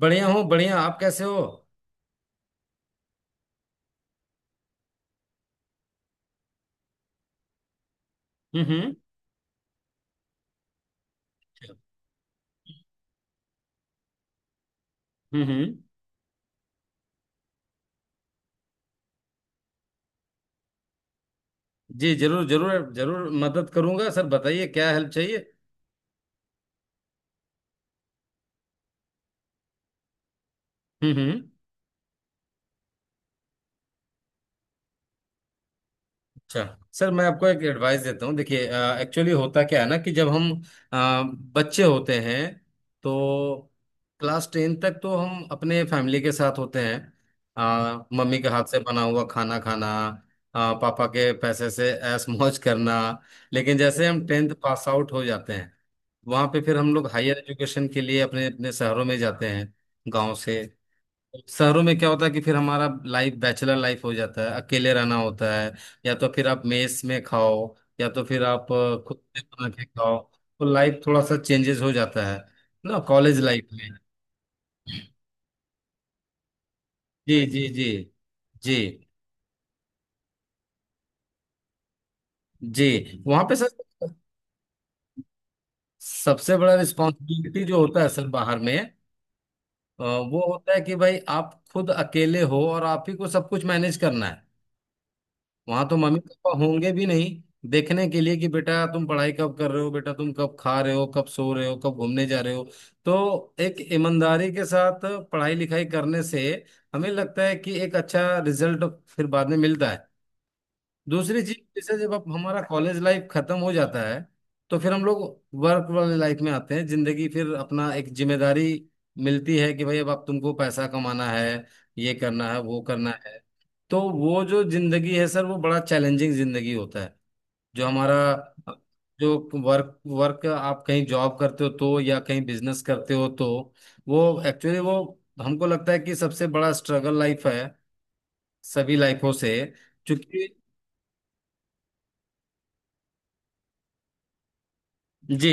बढ़िया हूँ, बढ़िया। आप कैसे हो? हम्म, हम्म हम्म। जी, जरूर जरूर जरूर मदद करूंगा सर, बताइए क्या हेल्प चाहिए। हम्म। अच्छा। सर, मैं आपको एक एडवाइस देता हूँ, देखिए। एक्चुअली होता क्या है ना कि जब हम अ, बच्चे होते हैं तो क्लास टेन तक तो हम अपने फैमिली के साथ होते हैं। मम्मी के हाथ से बना हुआ खाना खाना, पापा के पैसे से ऐश मौज करना। लेकिन जैसे हम टेंथ पास आउट हो जाते हैं, वहाँ पे फिर हम लोग हायर एजुकेशन के लिए अपने अपने शहरों में जाते हैं, गाँव से शहरों में। क्या होता है कि फिर हमारा लाइफ बैचलर लाइफ हो जाता है, अकेले रहना होता है। या तो फिर आप मेस में खाओ, या तो फिर आप खुद से बना के खाओ। तो लाइफ थोड़ा सा चेंजेस हो जाता है ना, कॉलेज लाइफ में। जी जी जी जी जी। वहाँ पे सर सबसे बड़ा रिस्पॉन्सिबिलिटी जो होता है सर बाहर में, वो होता है कि भाई आप खुद अकेले हो और आप ही को सब कुछ मैनेज करना है। वहां तो मम्मी पापा होंगे भी नहीं देखने के लिए कि बेटा तुम पढ़ाई कब कर रहे हो, बेटा तुम कब खा रहे हो, कब सो रहे हो, कब घूमने जा रहे हो। तो एक ईमानदारी के साथ पढ़ाई लिखाई करने से हमें लगता है कि एक अच्छा रिजल्ट फिर बाद में मिलता है। दूसरी चीज, जैसे जब आप हमारा कॉलेज लाइफ खत्म हो जाता है तो फिर हम लोग वर्क वाले लाइफ में आते हैं, जिंदगी फिर अपना एक जिम्मेदारी मिलती है कि भाई अब आप तुमको पैसा कमाना है, ये करना है, वो करना है। तो वो जो जिंदगी है सर वो बड़ा चैलेंजिंग जिंदगी होता है। जो हमारा, जो वर्क वर्क आप कहीं जॉब करते हो तो या कहीं बिजनेस करते हो तो वो एक्चुअली वो हमको लगता है कि सबसे बड़ा स्ट्रगल लाइफ है, सभी लाइफों से। क्योंकि जी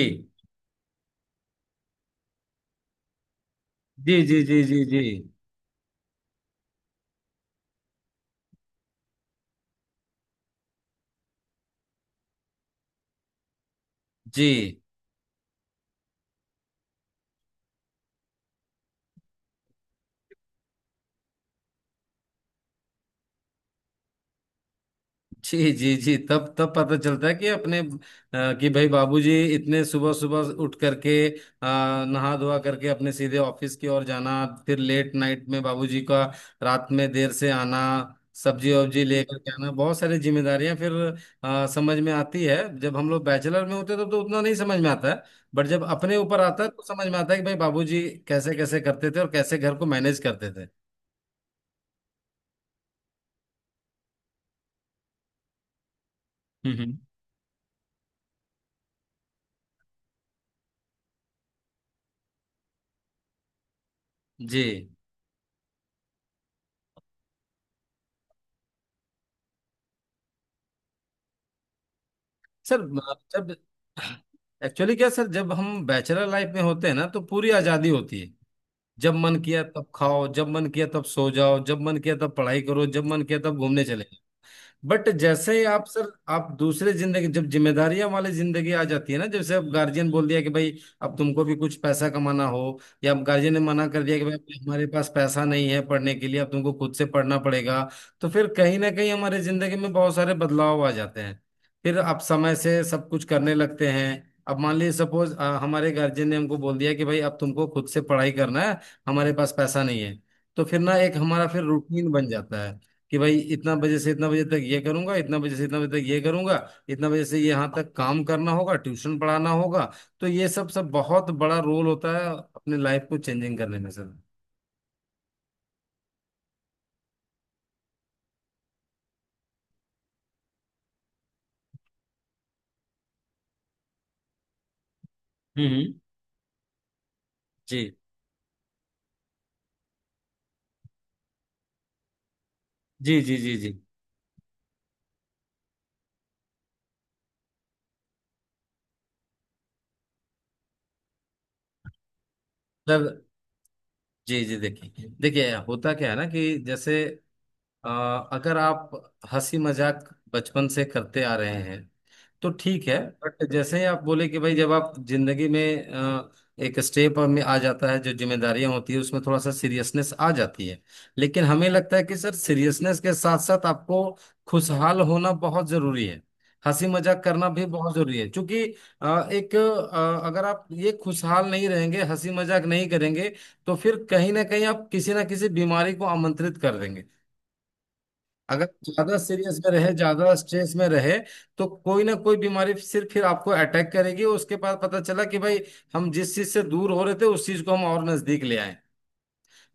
जी जी जी जी जी जी जी जी जी। तब तब पता चलता है कि कि भाई बाबूजी इतने सुबह सुबह उठ करके नहा धोवा करके अपने सीधे ऑफिस की ओर जाना, फिर लेट नाइट में बाबूजी का रात में देर से आना, सब्जी वब्जी लेकर के आना। बहुत सारी जिम्मेदारियां फिर समझ में आती है। जब हम लोग बैचलर में होते हैं तब तो उतना नहीं समझ में आता है, बट जब अपने ऊपर आता है तो समझ में आता है कि भाई बाबूजी कैसे कैसे करते थे और कैसे घर को मैनेज करते थे। हम्म हम्म। जी। सर जब एक्चुअली क्या सर, जब हम बैचलर लाइफ में होते हैं ना, तो पूरी आज़ादी होती है। जब मन किया तब खाओ, जब मन किया तब सो जाओ, जब मन किया तब पढ़ाई करो, जब मन किया तब घूमने चले। बट जैसे ही आप सर आप दूसरे जिंदगी, जब जिम्मेदारियां वाली जिंदगी आ जाती है ना, जैसे अब गार्जियन बोल दिया कि भाई अब तुमको भी कुछ पैसा कमाना हो, या अब गार्जियन ने मना कर दिया कि भाई हमारे पास पैसा नहीं है पढ़ने के लिए, अब तुमको खुद से पढ़ना पड़ेगा। तो फिर कहीं ना कहीं हमारे जिंदगी में बहुत सारे बदलाव आ जाते हैं। फिर आप समय से सब कुछ करने लगते हैं। अब मान लीजिए, सपोज हमारे गार्जियन ने हमको बोल दिया कि भाई अब तुमको खुद से पढ़ाई करना है, हमारे पास पैसा नहीं है, तो फिर ना एक हमारा फिर रूटीन बन जाता है कि भाई इतना बजे से इतना बजे तक ये करूंगा, इतना बजे से इतना बजे तक ये करूंगा, इतना बजे से यहाँ तक काम करना होगा, ट्यूशन पढ़ाना होगा। तो ये सब सब बहुत बड़ा रोल होता है अपने लाइफ को चेंजिंग करने में सर। हम्म। जी जी जी जी जी सर। जी जी, देखिए देखिए होता क्या है ना कि जैसे, अ, अगर आप हंसी मजाक बचपन से करते आ रहे हैं तो ठीक है। बट जैसे ही आप बोले कि भाई जब आप जिंदगी में एक स्टेप में आ जाता है जो जिम्मेदारियां होती है, उसमें थोड़ा सा सीरियसनेस आ जाती है। लेकिन हमें लगता है कि सर सीरियसनेस के साथ साथ आपको खुशहाल होना बहुत जरूरी है, हंसी मजाक करना भी बहुत जरूरी है। क्योंकि अगर आप ये खुशहाल नहीं रहेंगे, हंसी मजाक नहीं करेंगे, तो फिर कहीं ना कहीं आप किसी ना किसी बीमारी को आमंत्रित कर देंगे। अगर ज्यादा सीरियस में रहे, ज्यादा स्ट्रेस में रहे, तो कोई ना कोई बीमारी सिर्फ फिर आपको अटैक करेगी। उसके बाद पता चला कि भाई हम जिस चीज से दूर हो रहे थे उस चीज को हम और नजदीक ले आए।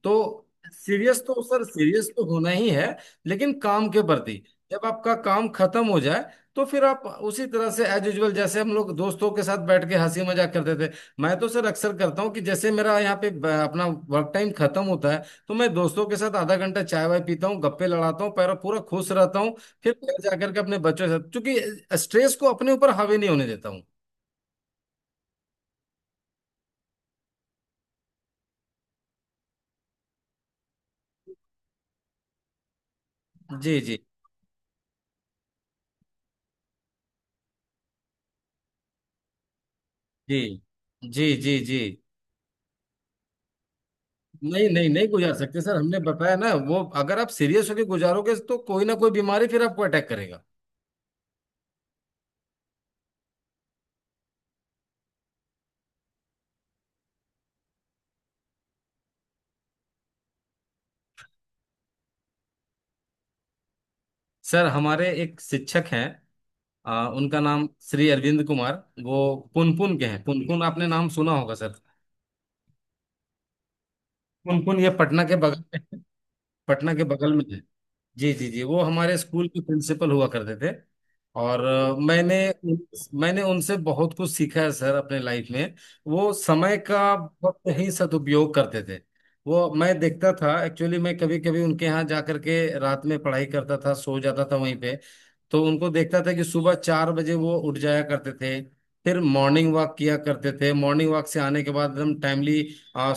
तो सीरियस तो सर, सीरियस तो होना ही है, लेकिन काम के प्रति। जब आपका काम खत्म हो जाए तो फिर आप उसी तरह से एज यूजल, जैसे हम लोग दोस्तों के साथ बैठ के हंसी मजाक करते थे। मैं तो सर अक्सर करता हूँ कि जैसे मेरा यहाँ पे अपना वर्क टाइम खत्म होता है, तो मैं दोस्तों के साथ आधा घंटा चाय वाय पीता हूँ, गप्पे लड़ाता हूँ, पैर पूरा खुश रहता हूँ। फिर घर जाकर के अपने बच्चों के साथ, क्योंकि स्ट्रेस को अपने ऊपर हावी नहीं होने देता हूँ। जी जी जी जी जी जी। नहीं नहीं नहीं गुजार सकते सर, हमने बताया ना वो, अगर आप सीरियस होकर गुजारोगे तो कोई ना कोई बीमारी फिर आपको अटैक करेगा। सर हमारे एक शिक्षक हैं, उनका नाम श्री अरविंद कुमार। वो पुनपुन के हैं, पुनपुन आपने नाम सुना होगा सर, पुनपुन ये पटना के बगल में, पटना के बगल में। जी जी जी, वो हमारे स्कूल के प्रिंसिपल हुआ करते थे। और मैंने मैंने उनसे बहुत कुछ सीखा है सर अपने लाइफ में। वो समय का बहुत ही सदुपयोग करते थे। वो मैं देखता था, एक्चुअली मैं कभी कभी उनके यहाँ जा करके रात में पढ़ाई करता था, सो जाता था वहीं पे। तो उनको देखता था कि सुबह चार बजे वो उठ जाया करते थे, फिर मॉर्निंग वॉक किया करते थे। मॉर्निंग वॉक से आने के बाद एकदम टाइमली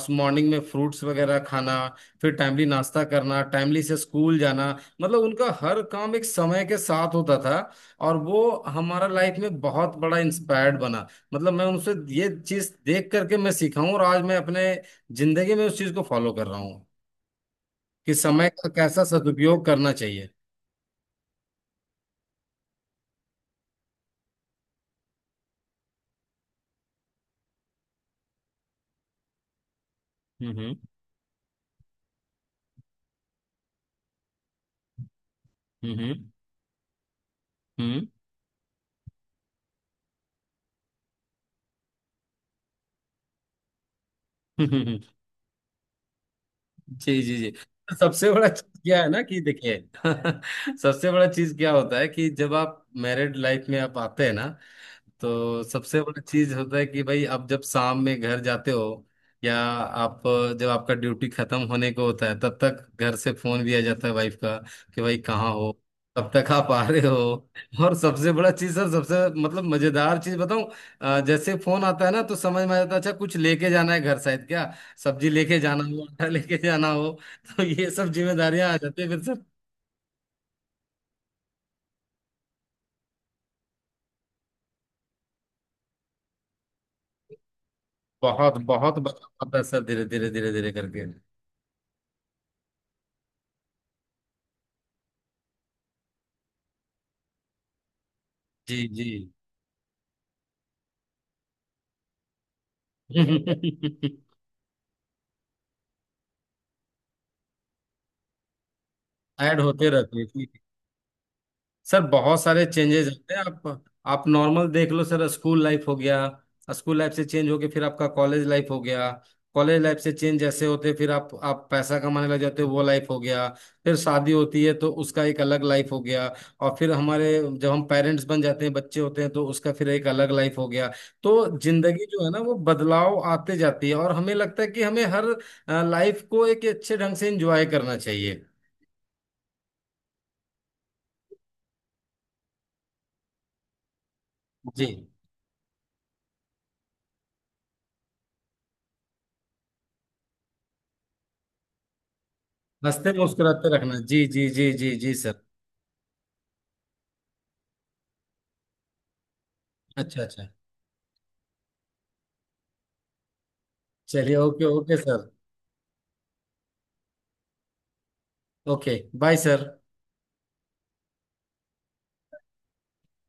मॉर्निंग में फ्रूट्स वगैरह खाना, फिर टाइमली नाश्ता करना, टाइमली से स्कूल जाना। मतलब उनका हर काम एक समय के साथ होता था। और वो हमारा लाइफ में बहुत बड़ा इंस्पायर्ड बना। मतलब मैं उनसे ये चीज देख करके मैं सीखा हूँ और आज मैं अपने जिंदगी में उस चीज को फॉलो कर रहा हूँ, कि समय का कैसा सदुपयोग करना चाहिए। हम्म हम्म हम्म हम्म हम्म हम्म, जी जी जी। तो सबसे बड़ा चीज क्या है ना कि देखिए सबसे बड़ा चीज क्या होता है कि जब आप मैरिड लाइफ में आप आते हैं ना, तो सबसे बड़ा चीज होता है कि भाई आप जब शाम में घर जाते हो, या आप जब आपका ड्यूटी खत्म होने को होता है, तब तक घर से फोन भी आ जाता है वाइफ का कि भाई कहाँ हो, तब तक आप आ रहे हो। और सबसे बड़ा चीज सर, सबसे मतलब मजेदार चीज बताऊं, जैसे फोन आता है ना तो समझ में आ जाता है, अच्छा कुछ लेके जाना है घर, शायद क्या सब्जी लेके जाना हो, आटा लेके जाना हो। तो ये सब जिम्मेदारियां आ जाती है फिर सर। बहुत बहुत बदलाव आता है सर, धीरे धीरे धीरे धीरे करके। जी जी। ऐड होते रहते हैं सर, बहुत सारे चेंजेस होते हैं। आप नॉर्मल देख लो सर, स्कूल लाइफ हो गया, स्कूल लाइफ से चेंज होके फिर आपका कॉलेज लाइफ हो गया, कॉलेज लाइफ से चेंज जैसे होते फिर आप पैसा कमाने लग जाते हो वो लाइफ हो गया, फिर शादी होती है तो उसका एक अलग लाइफ हो गया। और फिर हमारे, जब हम पेरेंट्स बन जाते हैं, बच्चे होते हैं, तो उसका फिर एक अलग लाइफ हो गया। तो जिंदगी जो है ना वो बदलाव आते जाती है, और हमें लगता है कि हमें हर लाइफ को एक अच्छे ढंग से एंजॉय करना चाहिए। जी, हंसते मुस्कुराते रखना, जी जी जी जी जी सर। अच्छा अच्छा। चलिए, okay okay sir. Okay bye sir.